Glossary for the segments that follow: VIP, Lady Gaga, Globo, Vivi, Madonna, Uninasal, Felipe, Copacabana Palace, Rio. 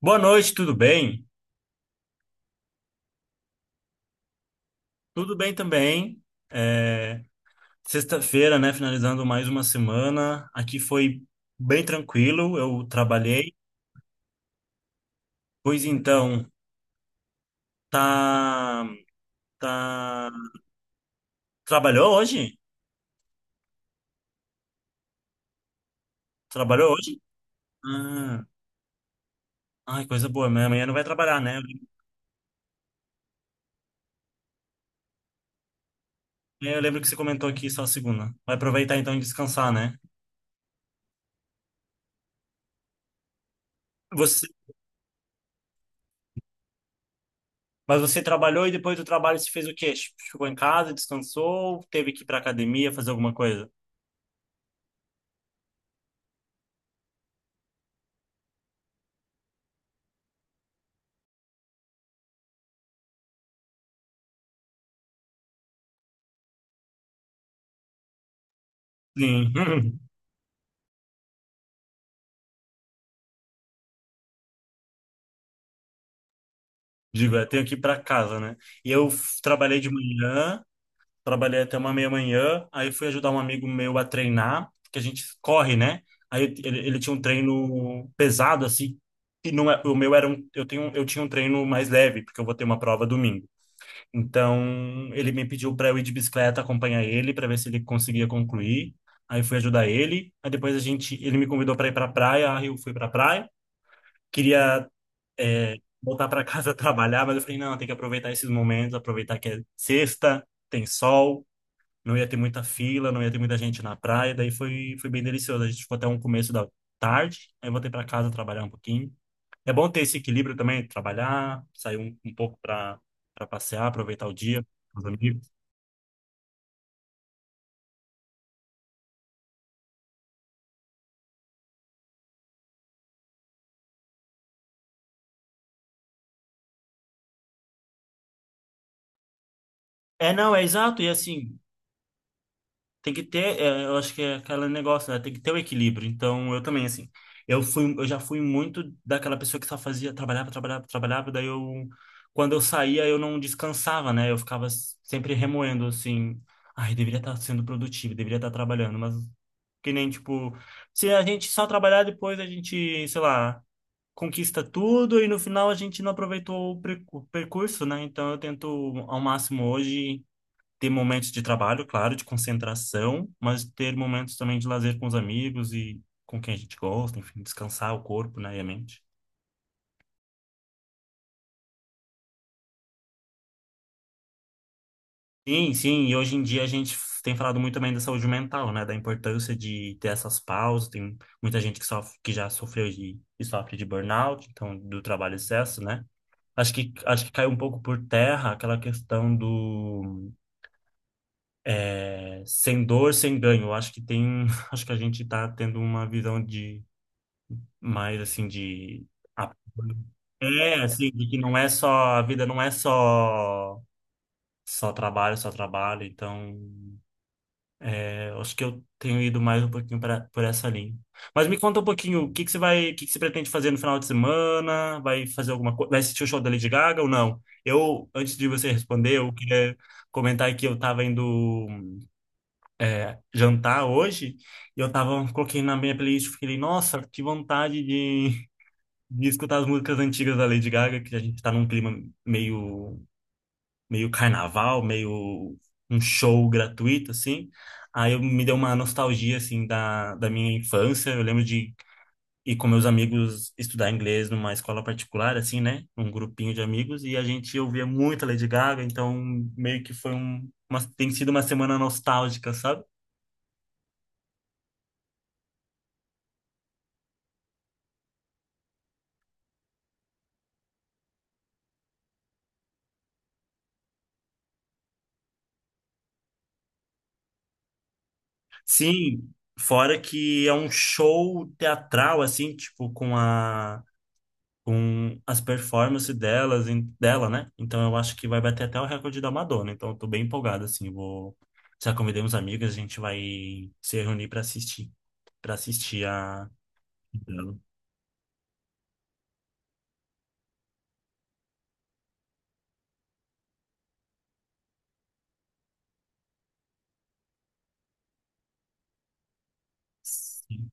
Boa noite, tudo bem? Tudo bem também. É, sexta-feira, né? Finalizando mais uma semana. Aqui foi bem tranquilo, eu trabalhei. Pois então, tá, tá... Trabalhou hoje? Trabalhou hoje? Ah, ai, coisa boa. Mas amanhã não vai trabalhar, né? Eu lembro que você comentou aqui só segunda. Vai aproveitar então e descansar, né? Você... Mas você trabalhou e depois do trabalho você fez o quê? Ficou em casa, descansou, teve que ir pra academia, fazer alguma coisa? Sim. Digo, eu tenho que ir para casa, né? E trabalhei de manhã, trabalhei até uma meia-manhã, aí fui ajudar um amigo meu a treinar, porque a gente corre, né? Aí ele tinha um treino pesado, assim, e não é, o meu era um, eu tenho, eu tinha um treino mais leve, porque eu vou ter uma prova domingo. Então, ele me pediu para eu ir de bicicleta acompanhar ele, para ver se ele conseguia concluir. Aí fui ajudar ele, aí depois ele me convidou para ir para praia, aí eu fui para praia. Queria é, voltar para casa trabalhar, mas eu falei, não, tem que aproveitar esses momentos, aproveitar que é sexta, tem sol, não ia ter muita fila, não ia ter muita gente na praia, daí foi, foi bem delicioso. A gente ficou até um começo da tarde, aí eu voltei para casa trabalhar um pouquinho. É bom ter esse equilíbrio também, trabalhar, sair um pouco para passear, aproveitar o dia com os amigos. É, não, é exato, e assim, tem que ter, eu acho que é aquele negócio, né? Tem que ter o equilíbrio. Então, eu também, assim, eu fui, eu já fui muito daquela pessoa que só fazia, trabalhava, trabalhava, trabalhava, daí eu, quando eu saía, eu não descansava, né? Eu ficava sempre remoendo, assim, ai, deveria estar sendo produtivo, deveria estar trabalhando, mas que nem, tipo, se a gente só trabalhar depois, a gente, sei lá, conquista tudo e no final a gente não aproveitou o percurso, né? Então, eu tento ao máximo hoje ter momentos de trabalho, claro, de concentração, mas ter momentos também de lazer com os amigos e com quem a gente gosta, enfim, descansar o corpo, né, e a mente. Sim, sim, e hoje em dia a gente tem falado muito também da saúde mental, né, da importância de ter essas pausas, tem muita gente que sofre, que já sofreu de, e sofre de burnout, então do trabalho excesso, né? Acho que caiu um pouco por terra aquela questão do sem dor, sem ganho. Eu acho que tem, acho que a gente está tendo uma visão de mais assim de a pé, assim, de que não é só, a vida não é só só trabalho. Então, eu acho que eu tenho ido mais um pouquinho pra, por essa linha. Mas me conta um pouquinho, o que que você pretende fazer no final de semana? Vai fazer alguma coisa? Vai assistir o show da Lady Gaga ou não? Eu, antes de você responder, eu queria comentar que eu tava indo jantar hoje e eu tava, coloquei na minha playlist, fiquei, nossa, que vontade de escutar as músicas antigas da Lady Gaga, que a gente tá num clima meio, meio carnaval, meio um show gratuito, assim. Aí eu, me deu uma nostalgia, assim, da minha infância. Eu lembro de ir com meus amigos estudar inglês numa escola particular, assim, né? Um grupinho de amigos. E a gente ouvia muito a Lady Gaga, então meio que foi um, uma, tem sido uma semana nostálgica, sabe? Sim, fora que é um show teatral, assim, tipo, com as performances delas, dela, né? Então eu acho que vai bater até o recorde da Madonna. Então eu tô bem empolgado, assim. Vou, já convidei uns amigos, a gente vai se reunir para assistir a dela. Sim.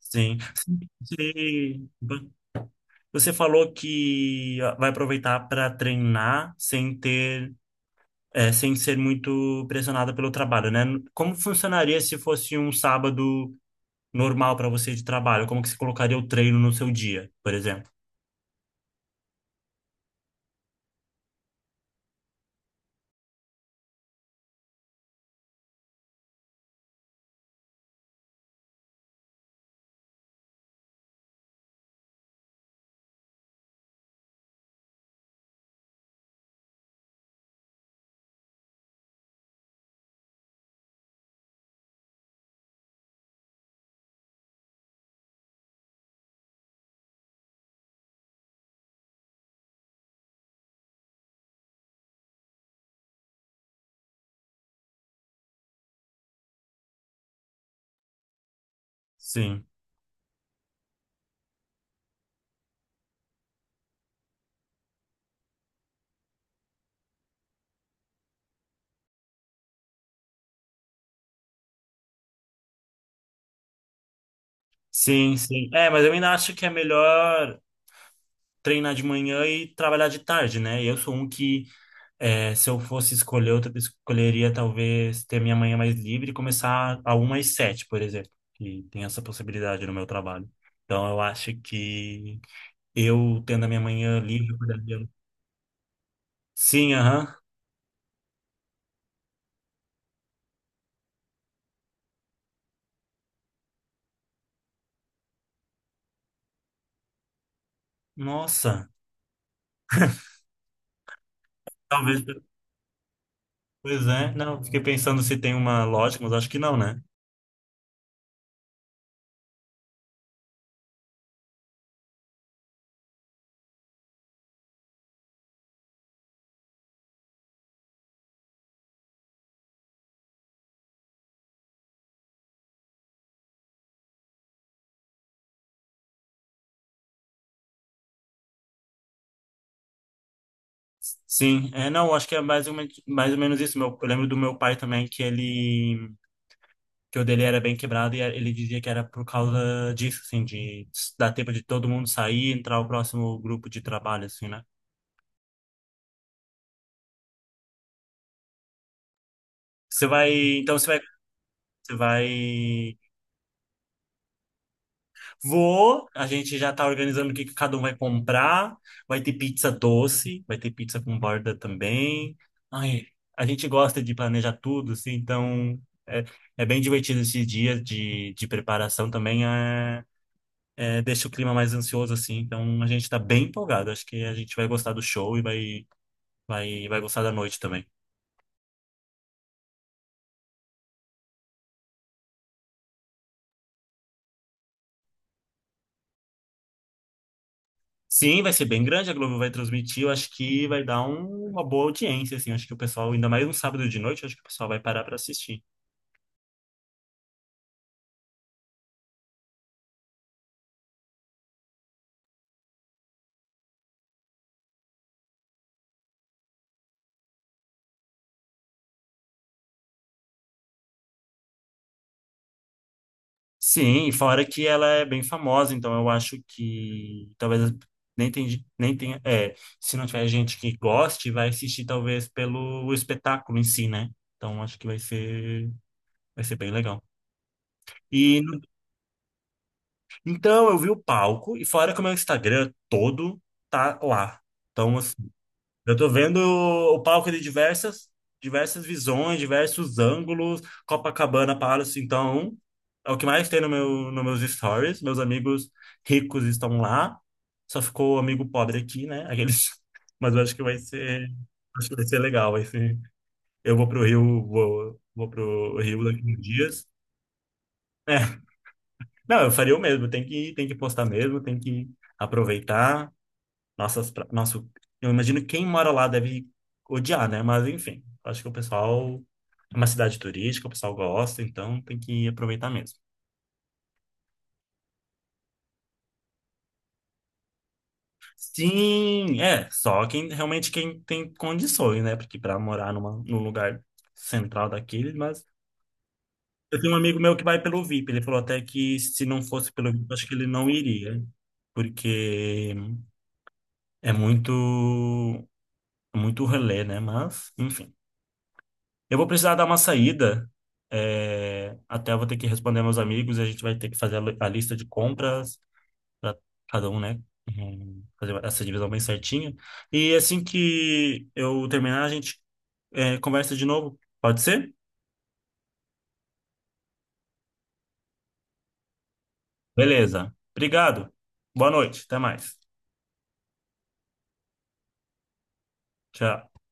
Sim. Você você falou que vai aproveitar para treinar sem ter, é, sem ser muito pressionada pelo trabalho, né? Como funcionaria se fosse um sábado normal para você de trabalho? Como que você colocaria o treino no seu dia, por exemplo? Sim, sim, sim. É, mas eu ainda acho que é melhor treinar de manhã e trabalhar de tarde, né? Eu sou um que, se eu fosse escolher, eu escolheria talvez ter minha manhã mais livre e começar a uma às sete, por exemplo, que tem essa possibilidade no meu trabalho. Então, eu acho que eu tendo a minha manhã livre, eu poderia... Sim, aham. Nossa, talvez. Pois é. Não, fiquei pensando se tem uma lógica, mas acho que não, né? Sim, é, não, acho que é menos mais ou menos isso. Meu, eu lembro do meu pai também que ele, que o dele era bem quebrado e ele dizia que era por causa disso, assim, de dar tempo de todo mundo sair, e entrar o próximo grupo de trabalho, assim, né? Você vai, então você vai, vou, a gente já tá organizando o que que cada um vai comprar. Vai ter pizza doce, vai ter pizza com borda também. Ai, a gente gosta de planejar tudo, assim, então é, é bem divertido esses dias de preparação também. Deixa o clima mais ansioso, assim, então a gente tá bem empolgado. Acho que a gente vai gostar do show e vai gostar da noite também. Sim, vai ser bem grande, a Globo vai transmitir, eu acho que vai dar uma boa audiência, assim, acho que o pessoal, ainda mais um sábado de noite, acho que o pessoal vai parar para assistir. Sim, e fora que ela é bem famosa, então eu acho que talvez nem tem, nem tenha, é, se não tiver gente que goste, vai assistir talvez pelo espetáculo em si, né? Então acho que vai ser bem legal. E então eu vi o palco e fora que o meu Instagram todo tá lá. Então eu tô vendo o palco de diversas, diversas visões, diversos ângulos, Copacabana Palace, então é o que mais tem no meu, nos meus stories. Meus amigos ricos estão lá. Só ficou o amigo pobre aqui, né? Aqueles, mas eu acho que vai ser, acho que vai ser legal, vai ser. Eu vou pro Rio, vou pro Rio daqui uns dias. Não, eu faria o mesmo, tem que postar mesmo, tem que aproveitar. Nossas, nosso, eu imagino quem mora lá deve odiar, né? Mas enfim, acho que o pessoal é uma cidade turística, o pessoal gosta, então tem que aproveitar mesmo. Sim, é, só quem realmente quem tem condições, né? Porque para morar num lugar central daquele, mas eu tenho um amigo meu que vai pelo VIP, ele falou até que se não fosse pelo VIP, acho que ele não iria, porque é muito é muito relé, né? Mas, enfim. Eu vou precisar dar uma saída. Até eu vou ter que responder meus amigos e a gente vai ter que fazer a lista de compras para cada um, né? Fazer essa divisão bem certinha. E assim que eu terminar, a gente conversa de novo. Pode ser? Beleza. Obrigado. Boa noite. Até mais. Tchau.